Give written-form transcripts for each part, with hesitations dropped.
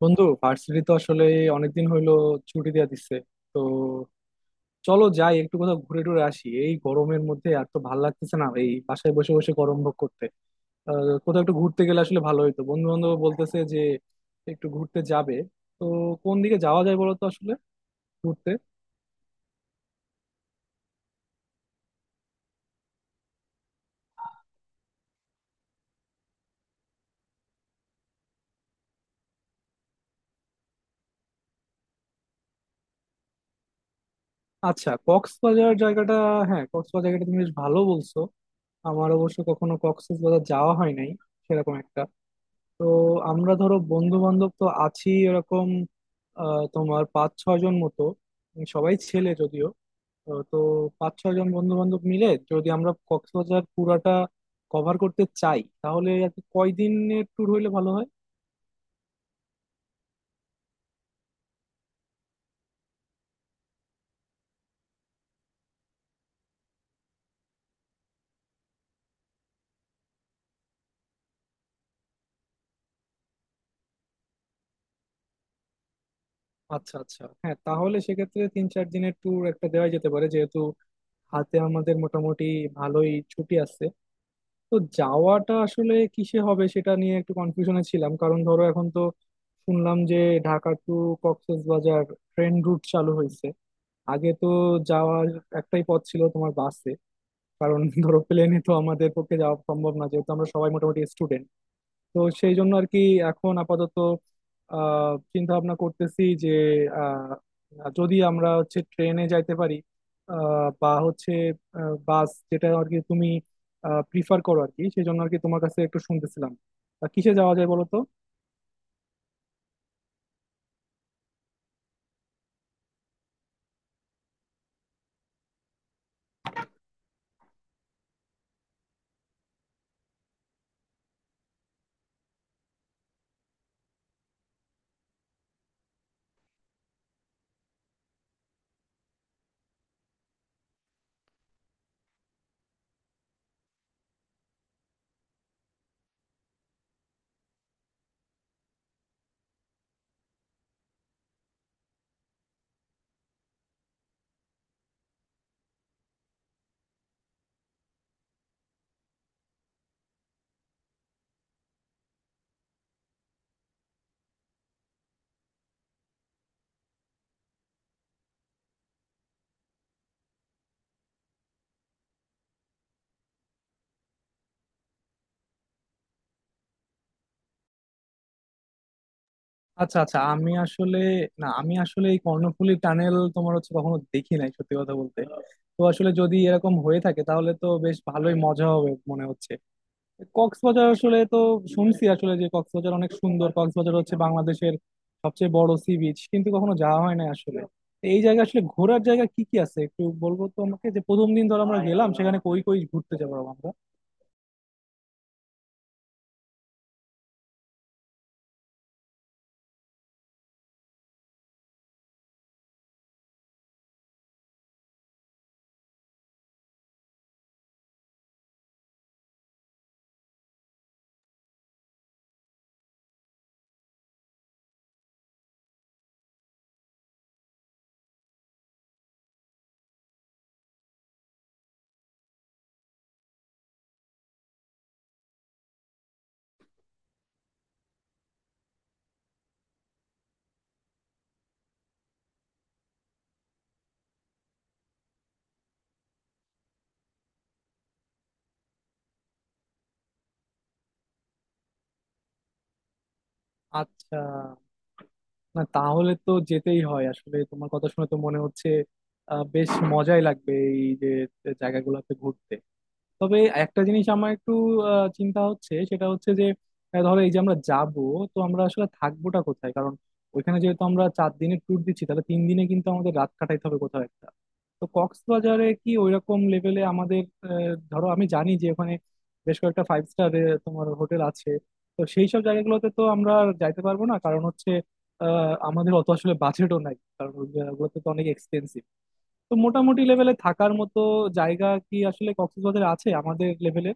বন্ধু ভার্সিটি তো আসলে অনেকদিন হইলো ছুটি দিয়ে দিচ্ছে তো চলো যাই একটু কোথাও ঘুরে টুরে আসি এই গরমের মধ্যে আর তো ভাল লাগতেছে না এই বাসায় বসে বসে গরম ভোগ করতে। কোথাও একটু ঘুরতে গেলে আসলে ভালো হইতো, বন্ধু বান্ধব বলতেছে যে একটু ঘুরতে যাবে, তো কোন দিকে যাওয়া যায় বলো তো আসলে ঘুরতে। আচ্ছা, কক্সবাজার জায়গাটা, হ্যাঁ কক্সবাজার জায়গাটা তুমি বেশ ভালো বলছো। আমার অবশ্য কখনো কক্সবাজার যাওয়া হয় নাই সেরকম একটা। তো আমরা ধরো বন্ধু বান্ধব তো আছি এরকম তোমার পাঁচ ছয় জন মতো, সবাই ছেলে যদিও। তো পাঁচ ছয় জন বন্ধু বান্ধব মিলে যদি আমরা কক্সবাজার পুরাটা কভার করতে চাই, তাহলে আর কি কয়দিনের ট্যুর হইলে ভালো হয়? আচ্ছা আচ্ছা, হ্যাঁ তাহলে সেক্ষেত্রে তিন চার দিনের ট্যুর একটা দেওয়া যেতে পারে, যেহেতু হাতে আমাদের মোটামুটি ভালোই ছুটি আছে। তো যাওয়াটা আসলে কিসে হবে সেটা নিয়ে একটু কনফিউশনে ছিলাম, কারণ ধরো এখন তো শুনলাম যে Dhaka two Cox's Bazar train root চালু হয়েছে। আগে তো যাওয়ার একটাই পথ ছিল তোমার, বাসে। কারণ ধরো প্লেনে তো আমাদের পক্ষে যাওয়া সম্ভব না, যেহেতু আমরা সবাই মোটামুটি স্টুডেন্ট। তো সেই জন্য আর কি এখন আপাতত আহ চিন্তা ভাবনা করতেছি যে আহ, যদি আমরা হচ্ছে ট্রেনে যাইতে পারি, বা হচ্ছে বাস, যেটা আর কি তুমি প্রিফার করো আর কি, সেই জন্য আর কি তোমার কাছে একটু শুনতেছিলাম, তা কিসে যাওয়া যায় বলো তো। আচ্ছা আচ্ছা, আমি আসলে, না আমি আসলে এই কর্ণফুলী টানেল তোমার হচ্ছে কখনো দেখি নাই সত্যি কথা বলতে। তো আসলে যদি এরকম হয়ে থাকে তাহলে তো বেশ ভালোই মজা হবে মনে হচ্ছে। কক্সবাজার আসলে তো শুনছি আসলে যে কক্সবাজার অনেক সুন্দর, কক্সবাজার হচ্ছে বাংলাদেশের সবচেয়ে বড় সি বিচ, কিন্তু কখনো যাওয়া হয় না আসলে। তো এই জায়গায় আসলে ঘোরার জায়গা কি কি আছে একটু বলবো তো আমাকে, যে প্রথম দিন ধর আমরা গেলাম সেখানে কই কই ঘুরতে যাবো আমরা? আচ্ছা, না তাহলে তো যেতেই হয় আসলে, তোমার কথা শুনে তো মনে হচ্ছে বেশ মজাই লাগবে এই যে জায়গাগুলোতে ঘুরতে। তবে একটা জিনিস আমার একটু চিন্তা হচ্ছে, সেটা হচ্ছে যে ধরো এই যে আমরা যাব, তো আমরা আসলে থাকবোটা কোথায়? কারণ ওইখানে যেহেতু আমরা চার দিনের ট্যুর দিচ্ছি, তাহলে তিন দিনে কিন্তু আমাদের রাত কাটাইতে হবে কোথাও একটা। তো কক্সবাজারে কি ওইরকম লেভেলে আমাদের, ধরো আমি জানি যে ওখানে বেশ কয়েকটা ফাইভ স্টার তোমার হোটেল আছে, তো সেই সব জায়গাগুলোতে তো আমরা আর যাইতে পারবো না, কারণ হচ্ছে আহ আমাদের অত আসলে বাজেটও নাই, কারণ ওগুলোতে তো অনেক এক্সপেন্সিভ। তো মোটামুটি লেভেলে থাকার মতো জায়গা কি আসলে কক্সবাজারে আছে আমাদের লেভেলে?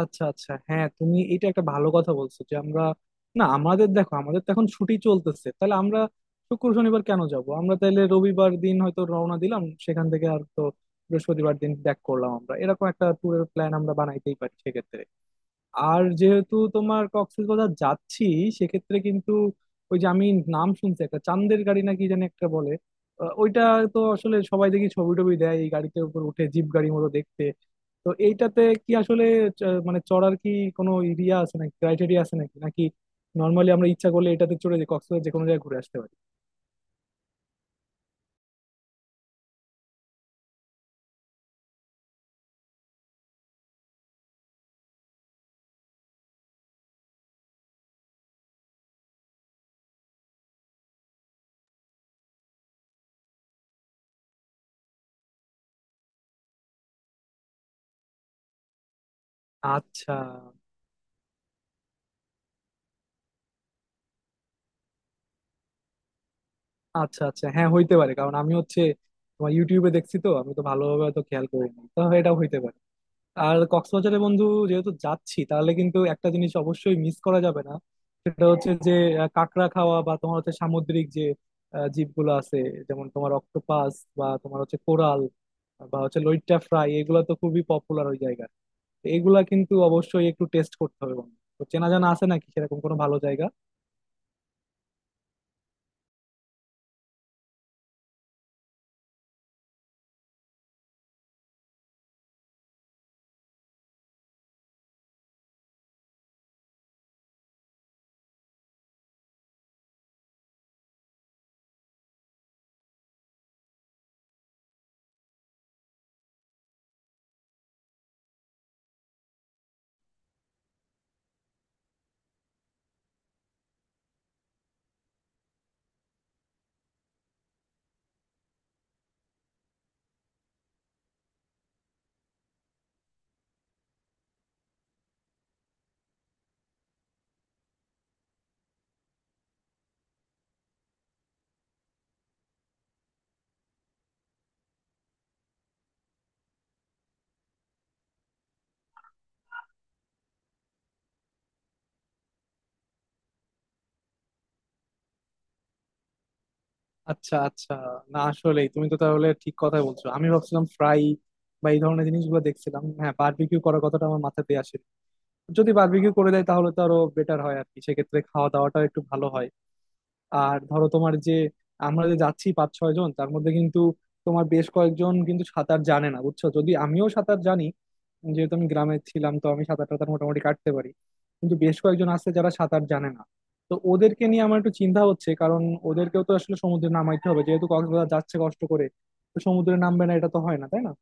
আচ্ছা আচ্ছা, হ্যাঁ তুমি এটা একটা ভালো কথা বলছো যে আমরা, না আমাদের দেখো আমাদের তো এখন ছুটি চলতেছে, তাহলে আমরা শুক্র শনিবার কেন যাব? আমরা তাহলে রবিবার দিন হয়তো রওনা দিলাম সেখান থেকে, আর তো বৃহস্পতিবার দিন ব্যাক করলাম আমরা, এরকম একটা ট্যুরের প্ল্যান আমরা বানাইতেই পারি সেক্ষেত্রে। আর যেহেতু তোমার কক্সবাজার যাচ্ছি সেক্ষেত্রে কিন্তু ওই যে আমি নাম শুনছি একটা চান্দের গাড়ি নাকি জানি একটা বলে ওইটা, তো আসলে সবাই দেখি ছবি টবি দেয় এই গাড়িতে উপর উঠে, জিপ গাড়ি মতো দেখতে। তো এইটাতে কি আসলে মানে চড়ার কি কোনো এরিয়া আছে নাকি, ক্রাইটেরিয়া আছে নাকি নাকি নর্মালি আমরা ইচ্ছা করলে এটাতে চড়ে যে কক্সবাজার যে কোনো জায়গায় ঘুরে আসতে পারি? আচ্ছা আচ্ছা আচ্ছা, হ্যাঁ হইতে পারে, কারণ আমি হচ্ছে তোমার ইউটিউবে দেখছি, তো আমি তো ভালোভাবে তো খেয়াল করিনি, তো এটা হইতে পারে। আর কক্সবাজারে বন্ধু যেহেতু যাচ্ছি তাহলে কিন্তু একটা জিনিস অবশ্যই মিস করা যাবে না, সেটা হচ্ছে যে কাঁকড়া খাওয়া, বা তোমার হচ্ছে সামুদ্রিক যে জীবগুলো আছে, যেমন তোমার অক্টোপাস, বা তোমার হচ্ছে কোরাল, বা হচ্ছে লইট্টা ফ্রাই, এগুলো তো খুবই পপুলার ওই জায়গায়। তো এগুলা কিন্তু অবশ্যই একটু টেস্ট করতে হবে বন্ধু, তো চেনা জানা আছে নাকি সেরকম কোনো ভালো জায়গা? আচ্ছা আচ্ছা, না আসলেই তুমি তো তাহলে ঠিক কথাই বলছো। আমি ভাবছিলাম ফ্রাই বা এই ধরনের জিনিসগুলো দেখছিলাম, হ্যাঁ বারবিকিউ করার কথাটা আমার মাথাতে আসে। যদি বারবিকিউ করে দেয় তাহলে তো আরো বেটার হয় আর কি, সেক্ষেত্রে খাওয়া দাওয়াটাও একটু ভালো হয়। আর ধরো তোমার যে আমরা যে যাচ্ছি পাঁচ ছয় জন, তার মধ্যে কিন্তু তোমার বেশ কয়েকজন কিন্তু সাঁতার জানে না বুঝছো, যদি আমিও সাঁতার জানি, যেহেতু আমি গ্রামে ছিলাম তো আমি সাঁতার টাতার মোটামুটি কাটতে পারি, কিন্তু বেশ কয়েকজন আছে যারা সাঁতার জানে না। তো ওদেরকে নিয়ে আমার একটু চিন্তা হচ্ছে, কারণ ওদেরকেও তো আসলে সমুদ্রে নামাইতে হবে, যেহেতু কক্সবাজার যাচ্ছে কষ্ট করে, তো সমুদ্রে নামবে না এটা তো হয় না তাই না।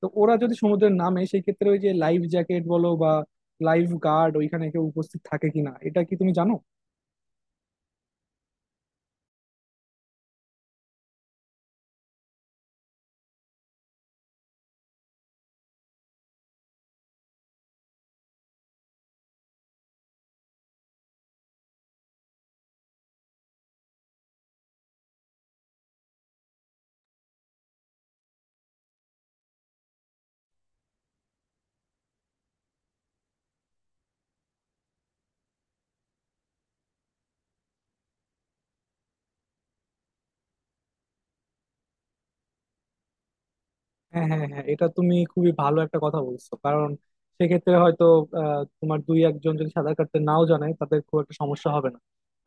তো ওরা যদি সমুদ্রে নামে সেই ক্ষেত্রে ওই যে লাইফ জ্যাকেট বলো বা লাইফ গার্ড, ওইখানে কেউ উপস্থিত থাকে কিনা এটা কি তুমি জানো? হ্যাঁ হ্যাঁ হ্যাঁ, এটা তুমি খুবই ভালো একটা কথা বলছো, কারণ সেক্ষেত্রে হয়তো তোমার দুই একজন যদি সাঁতার কাটতে নাও জানে তাদের খুব একটা সমস্যা হবে না।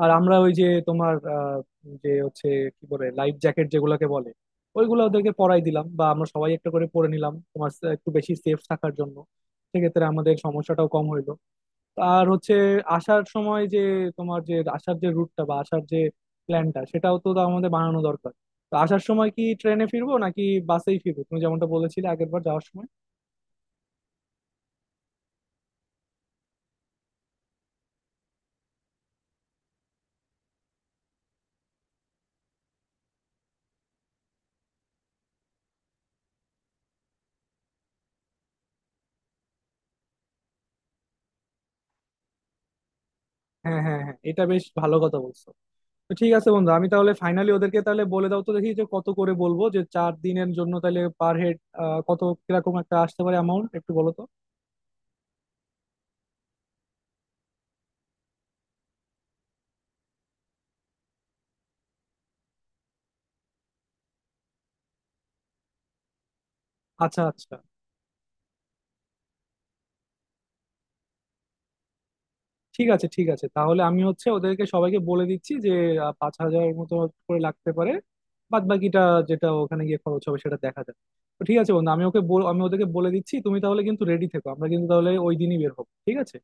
আর আমরা ওই যে তোমার যে হচ্ছে কি বলে লাইফ জ্যাকেট যেগুলোকে বলে, ওইগুলো ওদেরকে পরাই দিলাম বা আমরা সবাই একটা করে পরে নিলাম তোমার, একটু বেশি সেফ থাকার জন্য, সেক্ষেত্রে আমাদের সমস্যাটাও কম হইলো। আর হচ্ছে আসার সময় যে তোমার, যে আসার যে রুটটা বা আসার যে প্ল্যানটা সেটাও তো আমাদের বানানো দরকার। তো আসার সময় কি ট্রেনে ফিরবো নাকি বাসেই ফিরবো, তুমি যেমনটা বলেছিলে আগের বার যাওয়ার সময়? হ্যাঁ হ্যাঁ হ্যাঁ, এটা বেশ ভালো কথা বলছো। তো ঠিক আছে বন্ধু আমি তাহলে ফাইনালি ওদেরকে তাহলে বলে দাও তো দেখি যে কত করে বলবো, যে চার দিনের জন্য তাহলে পার হেড কত কিরকম একটা আসতে পারে অ্যামাউন্ট একটু বলো তো। আচ্ছা আচ্ছা, ঠিক আছে ঠিক আছে, তাহলে আমি হচ্ছে ওদেরকে সবাইকে বলে দিচ্ছি যে পাঁচ হাজারের মতো করে লাগতে পারে, বাদ বাকিটা যেটা ওখানে গিয়ে খরচ হবে সেটা দেখা যাবে। তো ঠিক আছে বন্ধু, আমি আমি ওদেরকে বলে দিচ্ছি, তুমি তাহলে কিন্তু রেডি থেকো, আমরা কিন্তু তাহলে ওই দিনই বের হবো, ঠিক আছে।